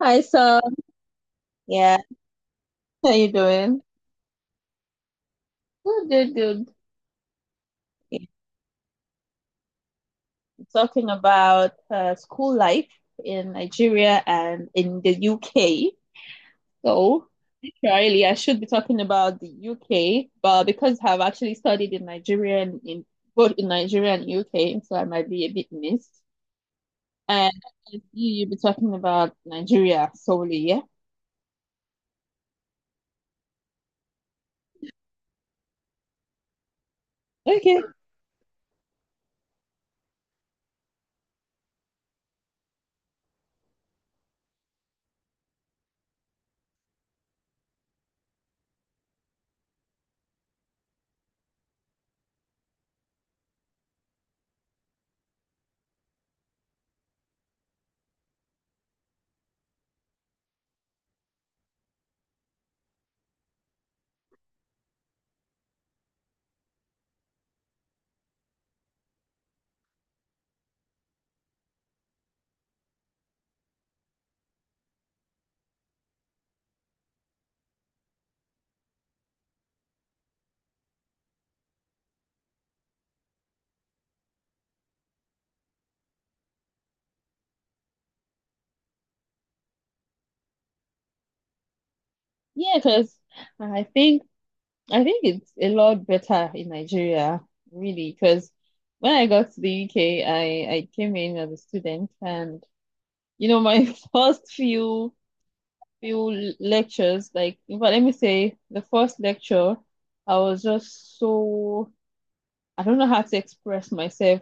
Hi, so. Yeah. How you doing? Good, good, good. Yeah. Talking about school life in Nigeria and in the UK. So, literally, I should be talking about the UK, but because I've actually studied in Nigeria and in both in Nigeria and UK, so I might be a bit missed. And you'll be talking about Nigeria solely, yeah? Okay. Yeah, because I think I think it's a lot better in Nigeria, really, because when I got to the UK, I came in as a student, and you know, my first few lectures, like, in fact, let me say, the first lecture, I was just so I don't know how to express myself.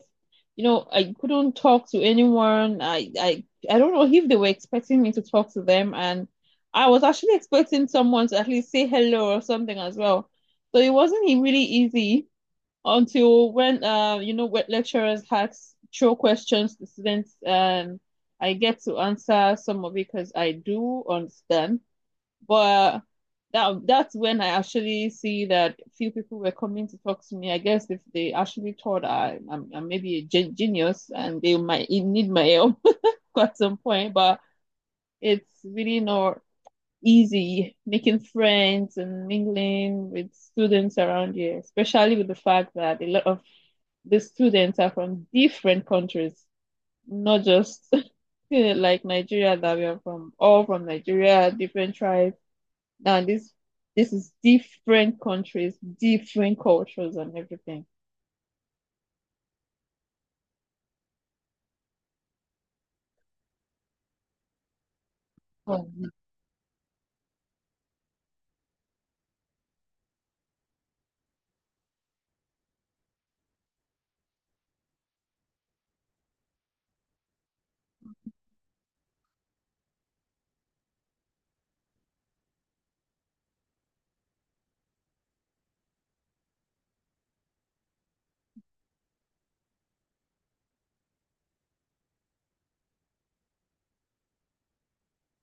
You know, I couldn't talk to anyone. I don't know if they were expecting me to talk to them, and I was actually expecting someone to at least say hello or something as well. So it wasn't really easy until when you know when lecturers ask throw questions to students and I get to answer some of it because I do understand, but that's when I actually see that few people were coming to talk to me. I guess if they actually thought I'm maybe a genius and they might need my help at some point, but it's really not easy making friends and mingling with students around here, especially with the fact that a lot of the students are from different countries, not just like Nigeria that we are from, all from Nigeria, different tribes. Now this is different countries, different cultures and everything. Well,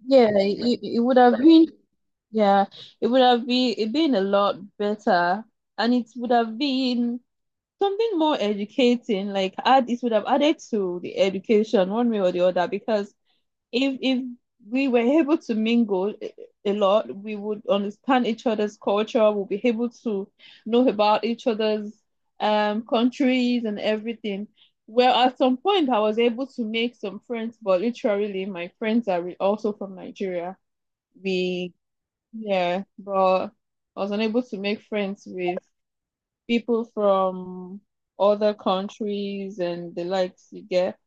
yeah, it would have been, yeah, it would have been, it been a lot better, and it would have been something more educating, like add it would have added to the education one way or the other, because if we were able to mingle a lot, we would understand each other's culture. We'll be able to know about each other's countries and everything. Well, at some point I was able to make some friends, but literally my friends are also from Nigeria. We Yeah, but I was unable to make friends with people from other countries and the likes, you get.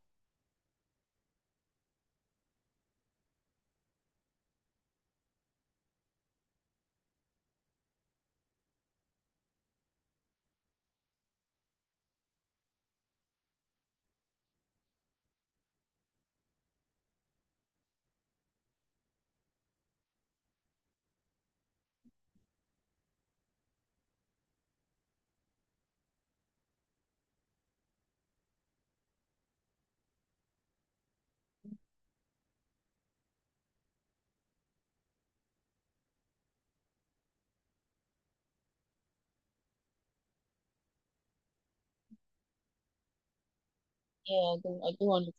Yeah, I don't want to.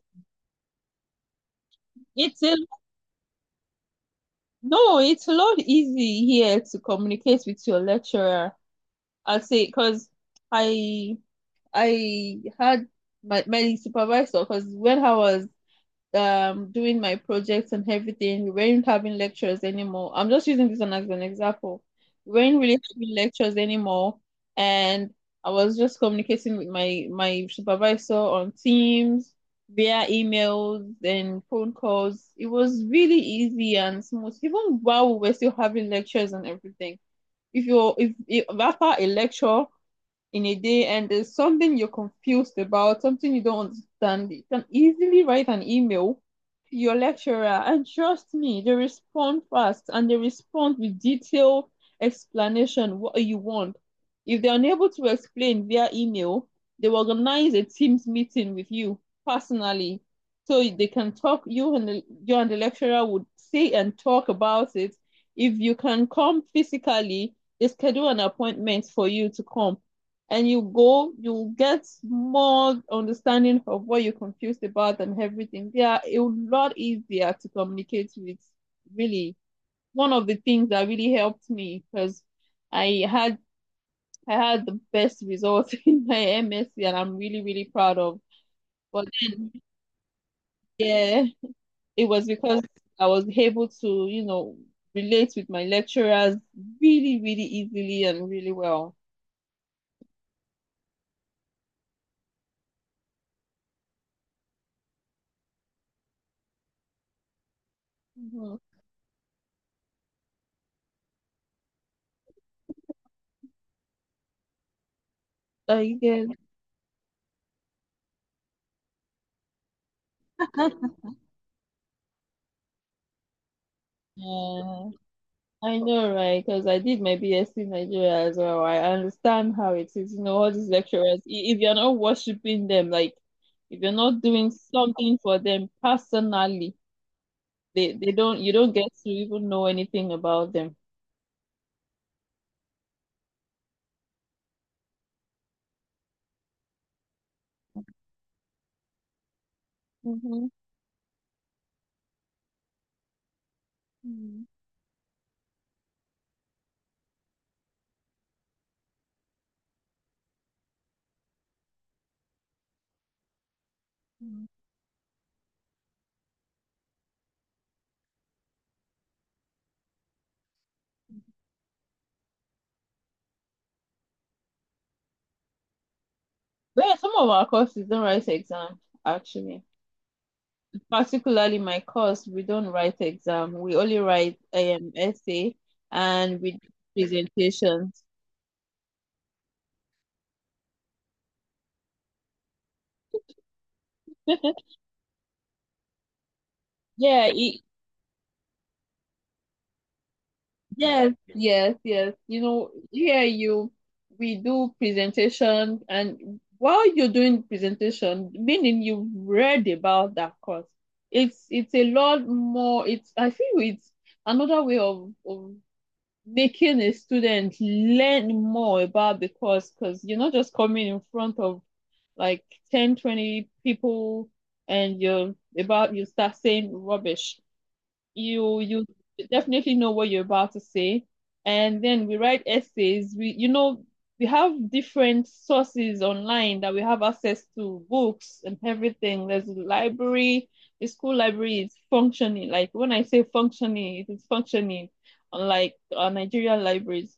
It's a No, it's a lot easy here to communicate with your lecturer, I'll say, because I I had my supervisor, because when I was doing my projects and everything, we weren't having lectures anymore. I'm just using this one as an example. We weren't really having lectures anymore, and I was just communicating with my supervisor on Teams via emails and phone calls. It was really easy and smooth, even while we were still having lectures and everything. If you're if after a lecture in a day and there's something you're confused about, something you don't understand, you can easily write an email to your lecturer. And trust me, they respond fast and they respond with detailed explanation what you want. If they're unable to explain via email, they will organize a Teams meeting with you personally, so they can talk. You and the, you and the lecturer would say and talk about it. If you can come physically, they schedule an appointment for you to come, and you go, you'll get more understanding of what you're confused about and everything. They are a lot easier to communicate with, really. One of the things that really helped me, because I had I had the best results in my MSc and I'm really, really proud of. But then, yeah, it was because I was able to, you know, relate with my lecturers really, really easily and really well. Mhm. I guess. Yeah. I know, right? Because I did my BSc in Nigeria as well. I understand how it is. You know, all these lecturers, if you're not worshiping them, like if you're not doing something for them personally, they don't you don't get to even know anything about them. Mm-hmm. Mm-hmm. But yeah, some of our courses don't write exam, actually. Particularly my course, we don't write exam. We only write essay, and we do presentations. Yeah, yes, yes, yes. You know, here you we do presentation, and while you're doing presentation, meaning you've read about that course. It's a lot more. It's I feel it's another way of making a student learn more about the course, because you're not just coming in front of like 10, 20 people and you start saying rubbish. You definitely know what you're about to say. And then we write essays. We you know we have different sources online that we have access to, books and everything. There's a library. The school library is functioning. Like when I say functioning, it is functioning, unlike Nigerian libraries.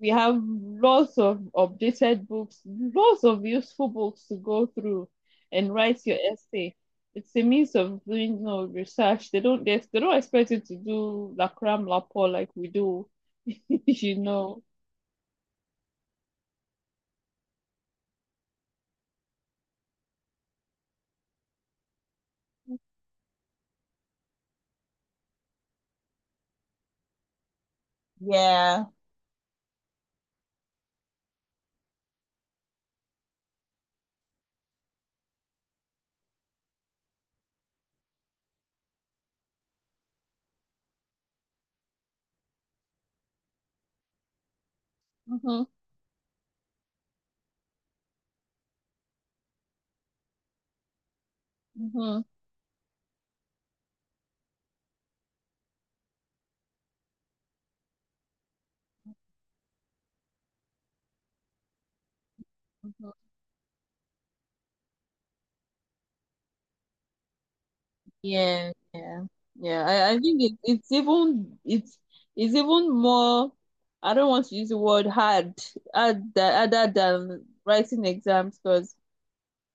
We have lots of updated books, lots of useful books to go through and write your essay. It's a means of doing, you know, research. They don't expect you to do la cram la pour like we do, you know. Yeah. Mm-hmm. Mm-hmm. Hmm. Yeah. Yeah. Yeah. I think it's even more, I don't want to use the word hard, other than writing exams, because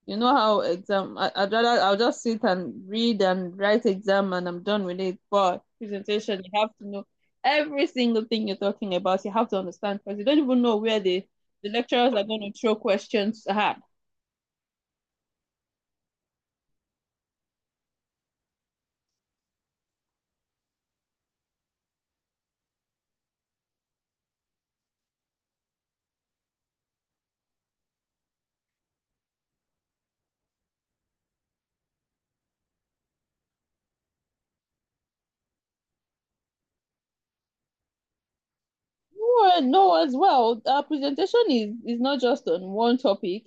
you know how exam, I, I'd rather I'll just sit and read and write exam and I'm done with it. But presentation, you have to know every single thing you're talking about. You have to understand because you don't even know where the lecturers are going to throw questions at. No, no, as well. Our presentation is not just on one topic,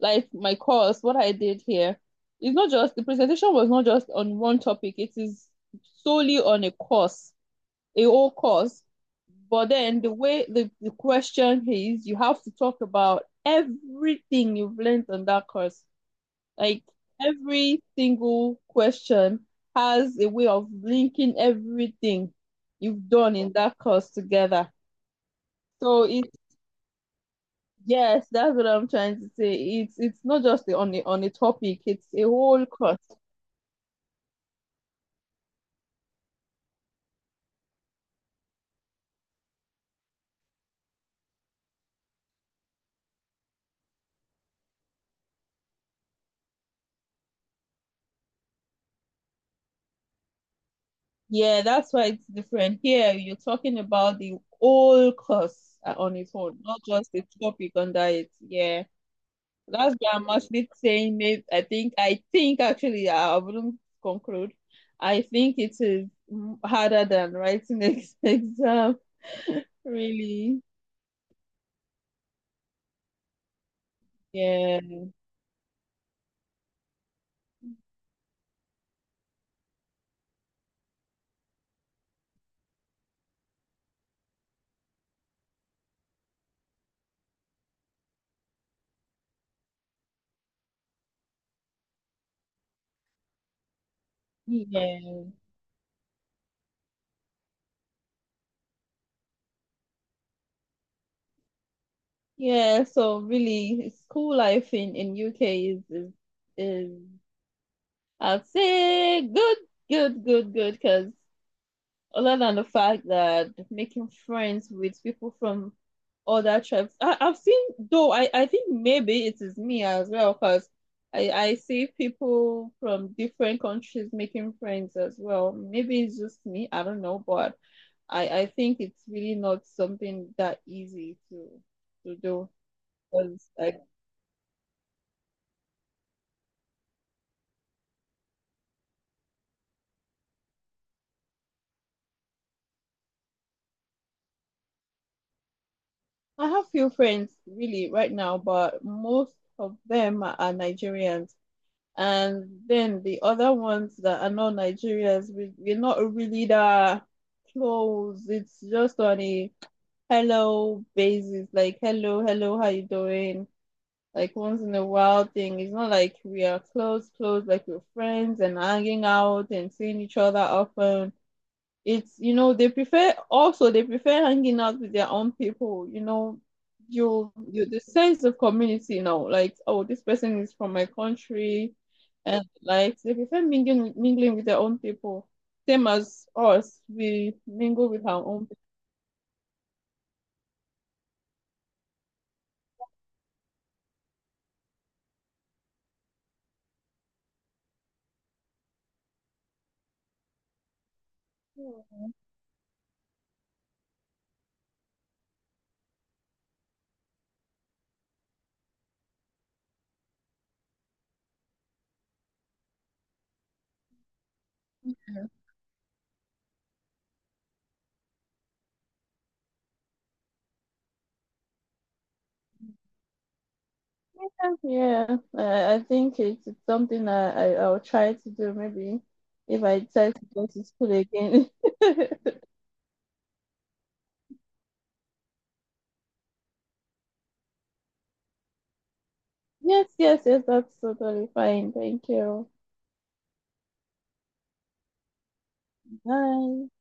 like my course, what I did here. It's not just the presentation was not just on one topic. It is solely on a course, a whole course. But then the way the question is, you have to talk about everything you've learned on that course. Like every single question has a way of linking everything you've done in that course together. So it's yes, that's what I'm trying to say. It's not just on a topic, it's a whole course. Yeah, that's why it's different. Here, you're talking about the whole course, on its own, not just the topic under it. Yeah, that's why I'm actually saying. Maybe I think actually I wouldn't conclude. I think it is harder than writing ex exam. Really, yeah, yeah, yeah. So really, school life in UK is I'd say good, good, good, good, because other than the fact that making friends with people from other tribes. I've seen, though I think maybe it is me as well, because I see people from different countries making friends as well. Maybe it's just me, I don't know, but I think it's really not something that easy to do. Because I have few friends really right now, but most of them are Nigerians. And then the other ones that are not Nigerians, we're not really that close. It's just on a hello basis, like hello, hello, how you doing? Like once in a while thing. It's not like we are close, close, like we're friends and hanging out and seeing each other often. It's, you know, they prefer, also they prefer hanging out with their own people, you know, you, the sense of community, you know, like, oh, this person is from my country, and like they prefer mingling with their own people, same as us. We mingle with our own people. Yeah, yeah. I think it's something that I'll try to do, maybe if I decide to go to school again. Yes, yes, yes, that's totally fine. Thank you. Bye.